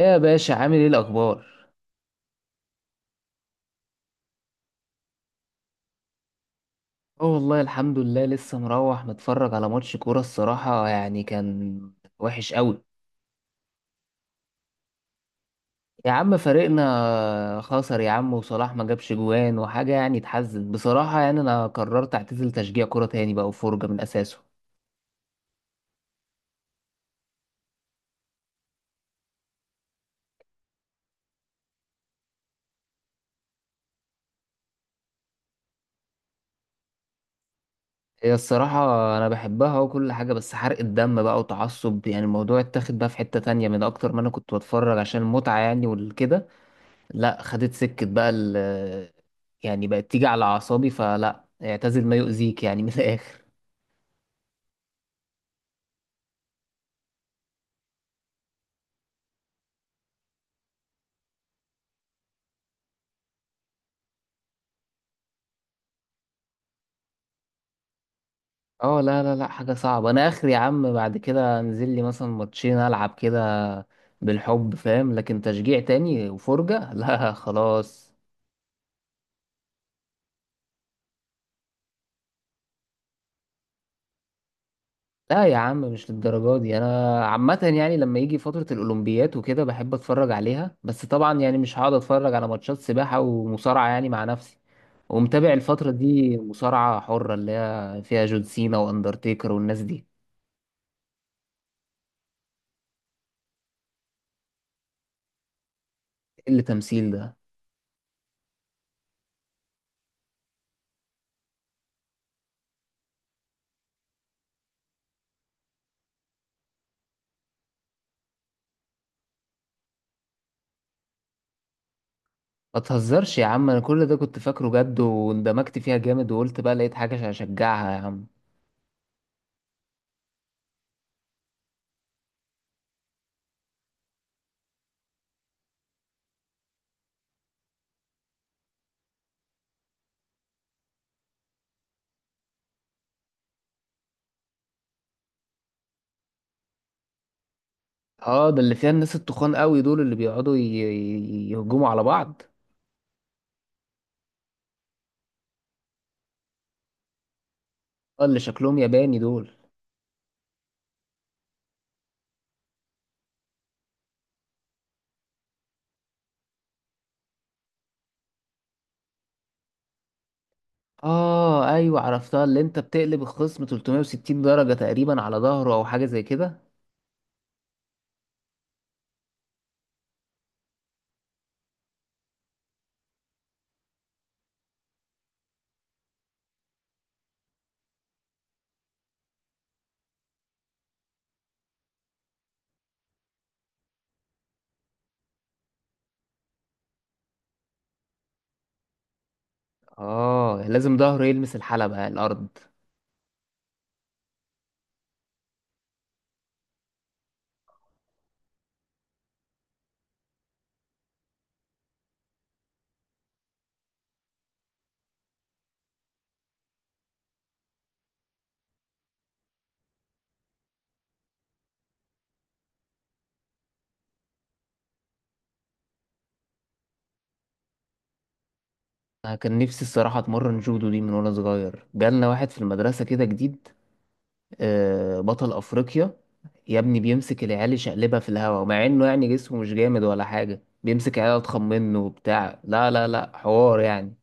ايه يا باشا، عامل ايه الاخبار؟ اه والله الحمد لله. لسه مروح متفرج على ماتش كوره الصراحه، يعني كان وحش قوي. يا عم فريقنا خسر يا عم، وصلاح ما جابش جوان وحاجه يعني تحزن بصراحه. يعني انا قررت اعتزل تشجيع كوره تاني بقى وفرجه من اساسه. هي الصراحه انا بحبها وكل حاجه، بس حرق الدم بقى وتعصب، يعني الموضوع اتاخد بقى في حته تانية من اكتر ما انا كنت بتفرج عشان المتعه يعني والكده. لا خدت سكة بقى يعني بقت تيجي على أعصابي، فلا اعتزل ما يؤذيك يعني من الآخر. اه لا لا لا، حاجة صعبة. أنا آخر يا عم بعد كده أنزل لي مثلا ماتشين ألعب كده بالحب فاهم، لكن تشجيع تاني وفرجة لا خلاص. لا يا عم مش للدرجة دي. أنا عامة يعني لما يجي فترة الأولمبيات وكده بحب أتفرج عليها، بس طبعا يعني مش هقعد أتفرج على ماتشات سباحة ومصارعة يعني مع نفسي. ومتابع الفترة دي مصارعة حرة اللي هي فيها جون سينا واندرتيكر والناس دي. إيه اللي تمثيل ده؟ ما تهزرش يا عم، انا كل ده كنت فاكره جد واندمجت فيها جامد، وقلت بقى لقيت حاجة عشان اشجعها يا عم. اه ده اللي فيها الناس التخان قوي دول، اللي بيقعدوا يهجموا على بعض. اه اللي شكلهم ياباني دول. اه ايوه عرفتها، اللي انت بتقلب الخصم 360 درجة تقريبا على ظهره او حاجة زي كده. اه لازم ظهره يلمس الحلبة الارض. انا كان نفسي الصراحه اتمرن جودو دي من وانا صغير، جالنا واحد في المدرسه كده جديد بطل افريقيا. يا ابني بيمسك العيال يشقلبها في الهوا، مع انه يعني جسمه مش جامد ولا حاجه، بيمسك عيال اضخم منه وبتاع، لا لا لا، حوار يعني.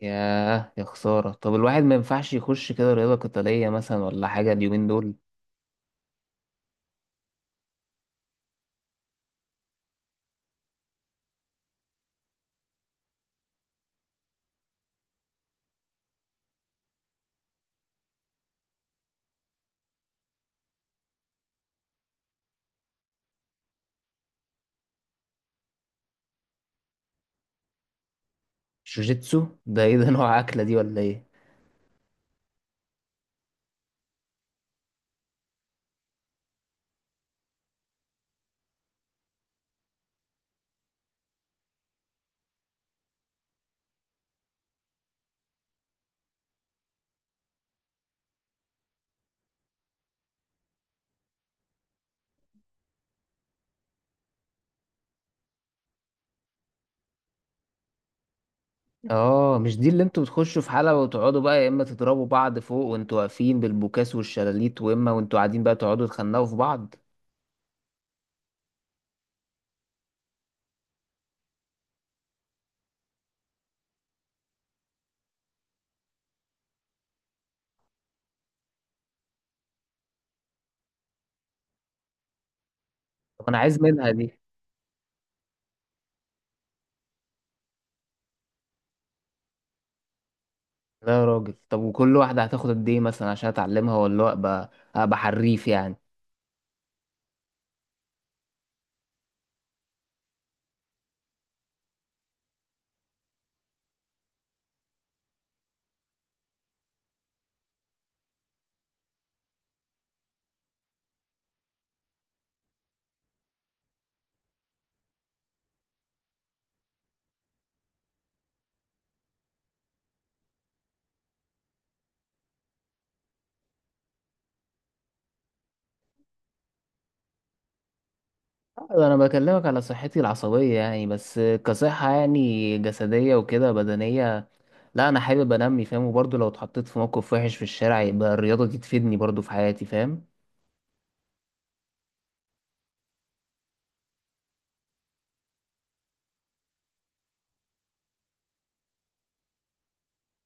ياه يا خساره، طب الواحد ما ينفعش يخش كده رياضه قتاليه مثلا ولا حاجه اليومين دول؟ جوجيتسو ده ايه، ده نوع اكله دي ولا ايه؟ اه مش دي اللي انتوا بتخشوا في حلبة وتقعدوا بقى يا اما تضربوا بعض فوق وانتوا واقفين بالبوكاس والشلاليت، واما وانتوا قاعدين بقى تقعدوا تخنقوا في بعض. طب انا عايز منها دي. لا يا راجل، طب وكل واحدة هتاخد قد ايه مثلا عشان اتعلمها، ولا ابقى حريف يعني؟ ده انا بكلمك على صحتي العصبية يعني، بس كصحة يعني جسدية وكده بدنية لا، انا حابب انمي فاهم، وبرضه لو اتحطيت في موقف وحش في الشارع يبقى الرياضة دي تفيدني برضه في حياتي فاهم.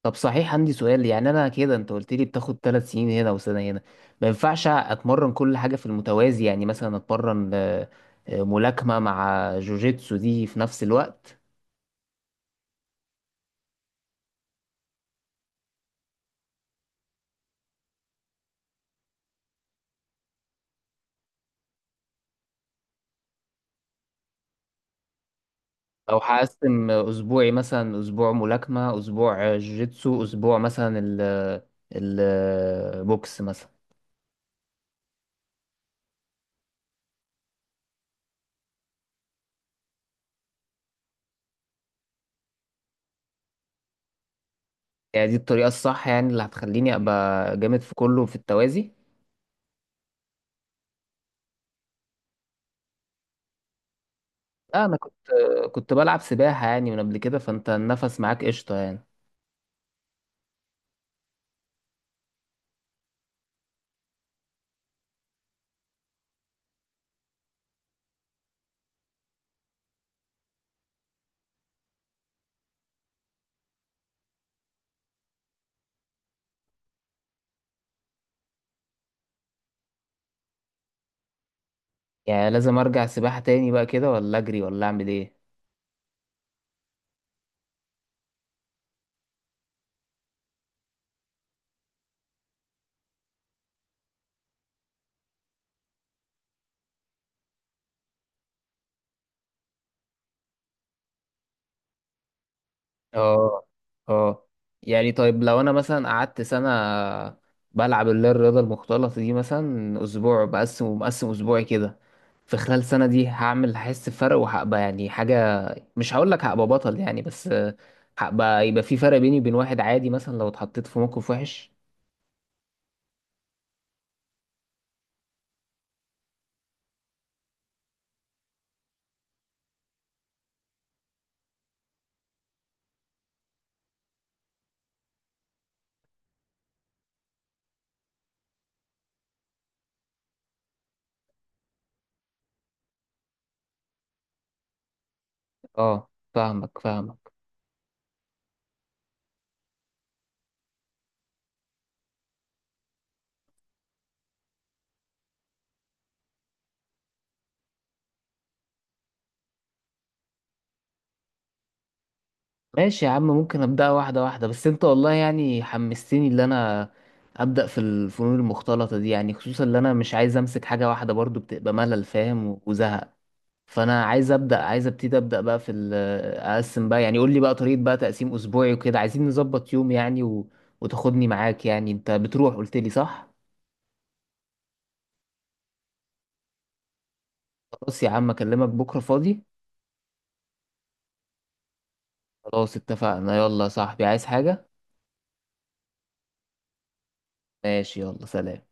طب صحيح عندي سؤال، يعني انا كده انت قلت لي بتاخد ثلاث سنين هنا وسنه هنا، ما ينفعش اتمرن كل حاجه في المتوازي؟ يعني مثلا اتمرن ملاكمه مع جوجيتسو دي في نفس الوقت. او هقسم اسبوعي، مثلا اسبوع ملاكمه، اسبوع جوجيتسو، اسبوع مثلا البوكس مثلا. يعني دي الطريقه الصح يعني، اللي هتخليني ابقى جامد في كله في التوازي؟ لا انا كنت بلعب سباحه يعني من قبل كده، فانت النفس معاك قشطه يعني. يعني لازم ارجع سباحة تاني بقى كده، ولا اجري ولا اعمل ايه؟ اه. اه. يعني طيب لو انا مثلا قعدت سنة بلعب اللي هي الرياضة المختلطة دي، مثلا اسبوع بقسم ومقسم اسبوعي كده، في خلال سنة دي هحس بفرق وهبقى يعني حاجة، مش هقول لك هبقى بطل يعني، بس يبقى في فرق بيني وبين واحد عادي مثلا لو اتحطيت في موقف وحش. اه فاهمك فاهمك. ماشي يا عم، ممكن ابدأ واحدة واحدة، بس انت والله يعني حمستني اللي انا ابدأ في الفنون المختلطة دي، يعني خصوصا اللي انا مش عايز امسك حاجة واحدة، برضو بتبقى ملل فاهم وزهق. فانا عايز ابدأ عايز ابتدي ابدأ بقى في اقسم بقى يعني، قول لي بقى طريقة بقى تقسيم اسبوعي وكده، عايزين نظبط يوم يعني وتاخدني معاك يعني، انت بتروح قلت لي صح. خلاص يا عم اكلمك بكرة فاضي. خلاص اتفقنا. يلا يا صاحبي، عايز حاجة؟ ماشي يلا سلام.